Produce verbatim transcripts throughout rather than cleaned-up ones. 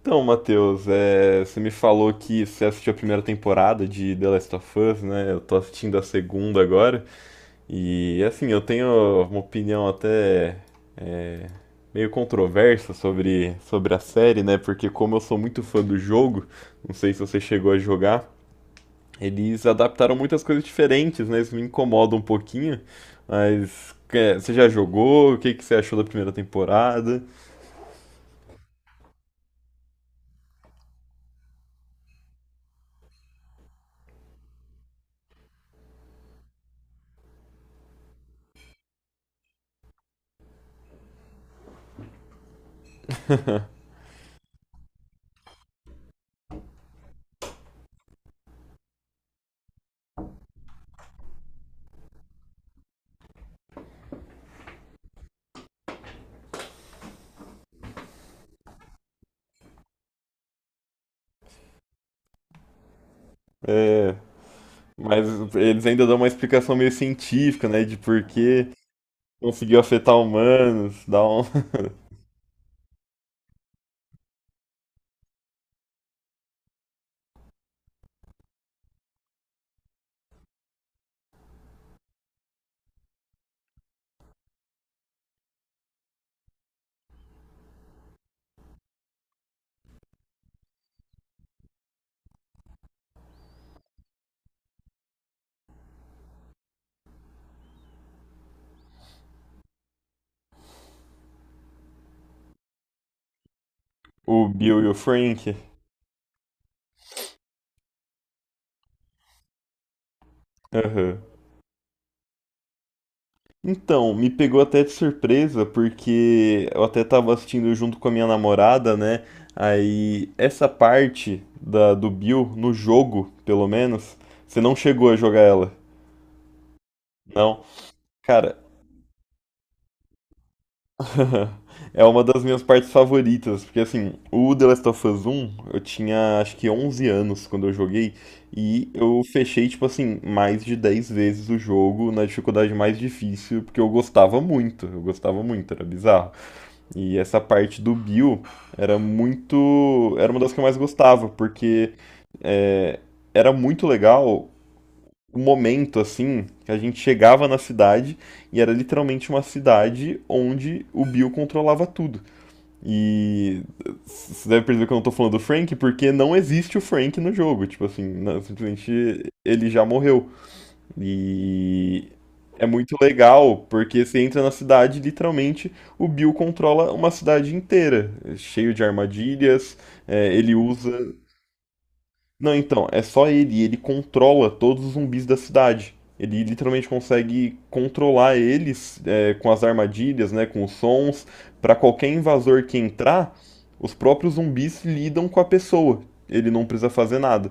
Então, Matheus, é, você me falou que você assistiu a primeira temporada de The Last of Us, né? Eu tô assistindo a segunda agora. E assim, eu tenho uma opinião até é, meio controversa sobre, sobre a série, né? Porque como eu sou muito fã do jogo, não sei se você chegou a jogar, eles adaptaram muitas coisas diferentes, né? Isso me incomoda um pouquinho. Mas é, você já jogou? O que que você achou da primeira temporada? É, mas eles ainda dão uma explicação meio científica, né? De por que conseguiu afetar humanos, dá um o Bill e o Frank. Aham. Então, me pegou até de surpresa, porque eu até tava assistindo junto com a minha namorada, né? Aí, essa parte da, do Bill, no jogo, pelo menos, você não chegou a jogar ela. Não. Cara, é uma das minhas partes favoritas, porque assim, o The Last of Us um, eu tinha acho que onze anos quando eu joguei, e eu fechei, tipo assim, mais de dez vezes o jogo na dificuldade mais difícil, porque eu gostava muito, eu gostava muito, era bizarro. E essa parte do Bill era muito, era uma das que eu mais gostava, porque é, era muito legal o momento assim que a gente chegava na cidade e era literalmente uma cidade onde o Bill controlava tudo. E você deve perceber que eu não tô falando do Frank, porque não existe o Frank no jogo. Tipo assim, não, simplesmente ele já morreu. E é muito legal, porque você entra na cidade, literalmente, o Bill controla uma cidade inteira, cheio de armadilhas, é, ele usa não, então, é só ele. Ele controla todos os zumbis da cidade. Ele literalmente consegue controlar eles é, com as armadilhas, né, com os sons. Pra qualquer invasor que entrar, os próprios zumbis lidam com a pessoa. Ele não precisa fazer nada.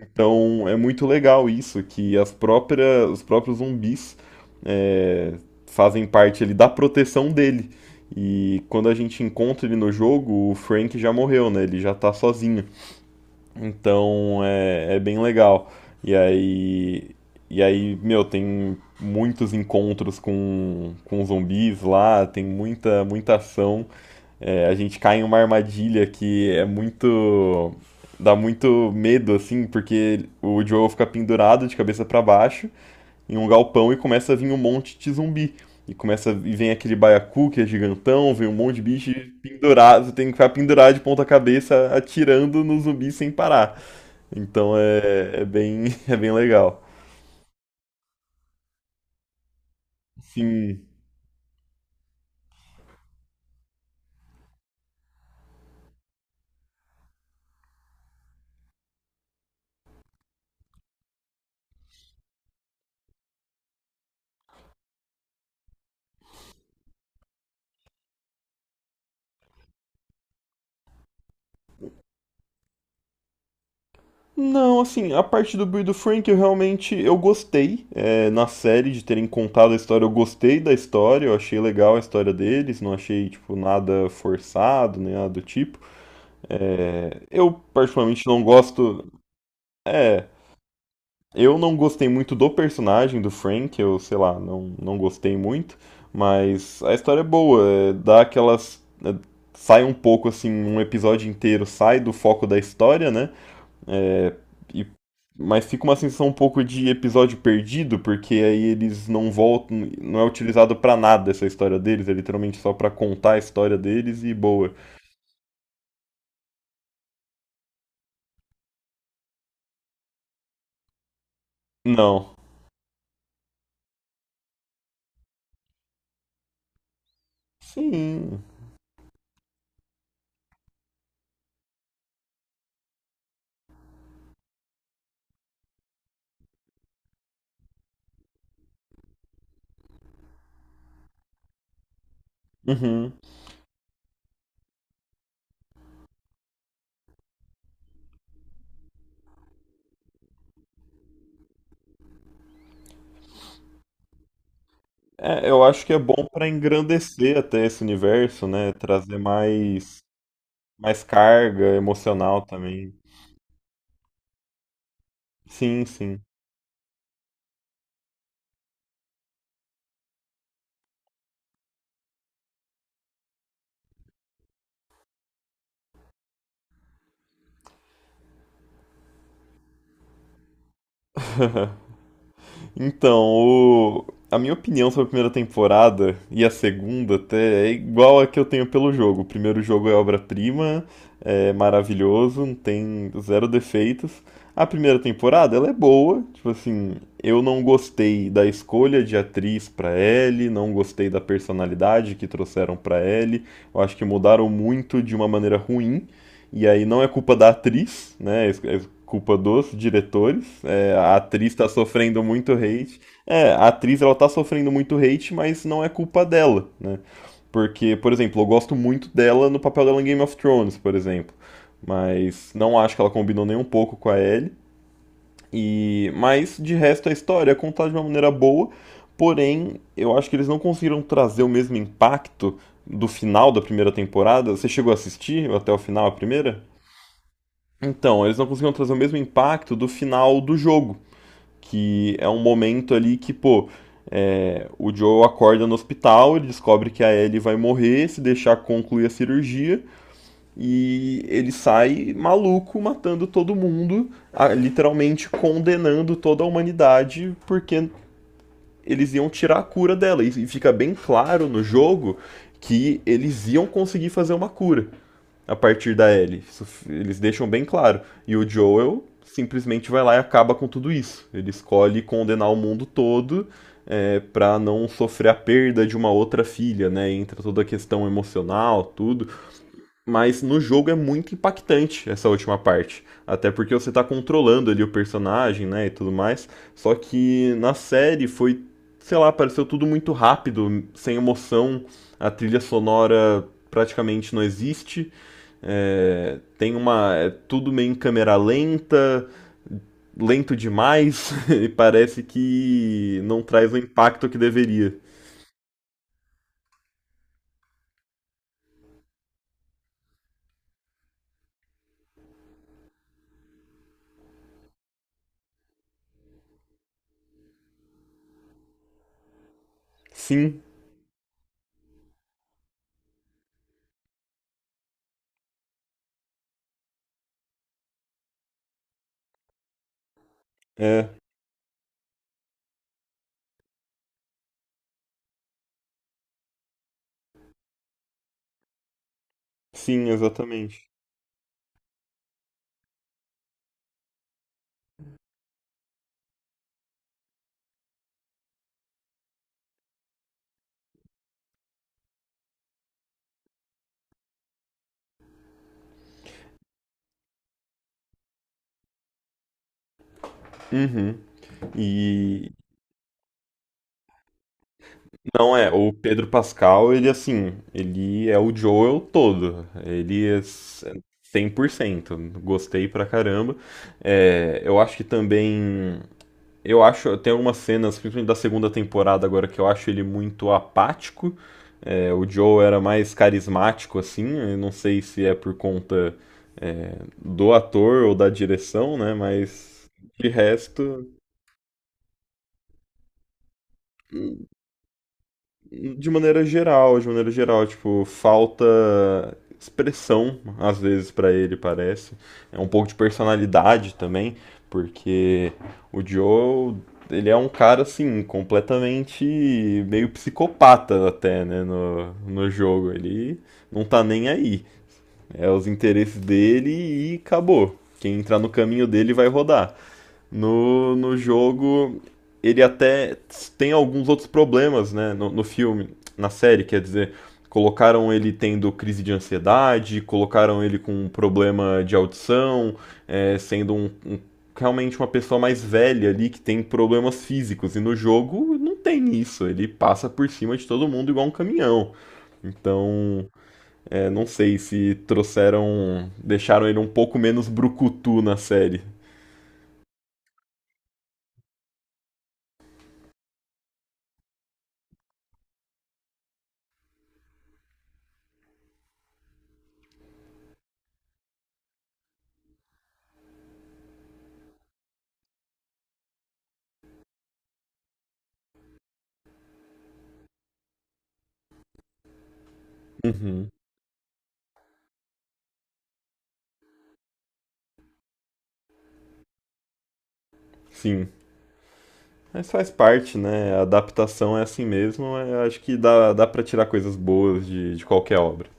Então é muito legal isso, que as próprias, os próprios zumbis é, fazem parte ali da proteção dele. E quando a gente encontra ele no jogo, o Frank já morreu, né? Ele já tá sozinho. Então é, é bem legal. E aí, e aí, meu, tem muitos encontros com, com zumbis lá, tem muita, muita ação. É, a gente cai em uma armadilha que é muito, dá muito medo, assim, porque o Joel fica pendurado de cabeça para baixo em um galpão e começa a vir um monte de zumbi. E começa e vem aquele baiacu que é gigantão, vem um monte de bicho pendurado, você tem que ficar pendurado de ponta cabeça atirando no zumbi sem parar. Então é, é bem, é bem legal. Sim. Não, assim, a parte do Bill e do Frank eu realmente eu gostei é, na série de terem contado a história. Eu gostei da história, eu achei legal a história deles, não achei tipo nada forçado nem nada do tipo. É, eu particularmente não gosto. É, eu não gostei muito do personagem do Frank, eu sei lá, não, não gostei muito, mas a história é boa, é, dá aquelas, é, sai um pouco assim, um episódio inteiro sai do foco da história, né? É, e, mas fica uma sensação um pouco de episódio perdido, porque aí eles não voltam, não é utilizado pra nada essa história deles, é literalmente só pra contar a história deles e boa. Não. Sim. Uhum. É, eu acho que é bom para engrandecer até esse universo, né? Trazer mais mais carga emocional também. Sim, sim. Então, o, a minha opinião sobre a primeira temporada e a segunda até é igual a que eu tenho pelo jogo. O primeiro jogo é obra-prima, é maravilhoso, não tem zero defeitos. A primeira temporada, ela é boa, tipo assim, eu não gostei da escolha de atriz pra Ellie, não gostei da personalidade que trouxeram pra Ellie. Eu acho que mudaram muito de uma maneira ruim. E aí não é culpa da atriz, né? É culpa dos diretores. É, a atriz tá sofrendo muito hate. É, a atriz ela tá sofrendo muito hate, mas não é culpa dela, né? Porque, por exemplo, eu gosto muito dela no papel dela em Game of Thrones, por exemplo. Mas não acho que ela combinou nem um pouco com a Ellie. E, mas de resto a história é contada de uma maneira boa, porém eu acho que eles não conseguiram trazer o mesmo impacto do final da primeira temporada. Você chegou a assistir até o final a primeira? Então, eles não conseguiram trazer o mesmo impacto do final do jogo. Que é um momento ali que, pô, é, o Joe acorda no hospital, ele descobre que a Ellie vai morrer, se deixar concluir a cirurgia, e ele sai maluco, matando todo mundo, a- literalmente condenando toda a humanidade, porque eles iam tirar a cura dela, e fica bem claro no jogo que eles iam conseguir fazer uma cura a partir da Ellie. Isso eles deixam bem claro. E o Joel simplesmente vai lá e acaba com tudo isso. Ele escolhe condenar o mundo todo é, para não sofrer a perda de uma outra filha, né? Entra toda a questão emocional, tudo. Mas no jogo é muito impactante essa última parte. Até porque você tá controlando ali o personagem, né? E tudo mais. Só que na série foi, sei lá, pareceu tudo muito rápido, sem emoção. A trilha sonora praticamente não existe. É, tem uma. É tudo meio em câmera lenta, lento demais, e parece que não traz o impacto que deveria. Sim, é. Sim, exatamente. Uhum. E, não é, o Pedro Pascal, ele assim, ele é o Joel todo. Ele é cem por cento. Gostei pra caramba. É, eu acho que também. Eu acho, tem algumas cenas, principalmente da segunda temporada agora, que eu acho ele muito apático. É, o Joel era mais carismático, assim. Eu não sei se é por conta, é, do ator ou da direção, né? Mas de resto, de maneira geral, de maneira geral, tipo, falta expressão às vezes pra ele, parece. É um pouco de personalidade também, porque o Joe, ele é um cara assim, completamente meio psicopata até, né, no, no jogo. Ele não tá nem aí. É os interesses dele e acabou. Quem entrar no caminho dele vai rodar. No, no jogo, ele até tem alguns outros problemas, né? No, no filme, na série, quer dizer, colocaram ele tendo crise de ansiedade, colocaram ele com um problema de audição, é, sendo um, um- realmente uma pessoa mais velha ali que tem problemas físicos. E no jogo não tem isso, ele passa por cima de todo mundo igual um caminhão. Então, é, não sei se trouxeram, deixaram ele um pouco menos brucutu na série. Uhum. Sim. Mas faz parte, né? A adaptação é assim mesmo. É, eu acho que dá, dá para tirar coisas boas de, de qualquer obra.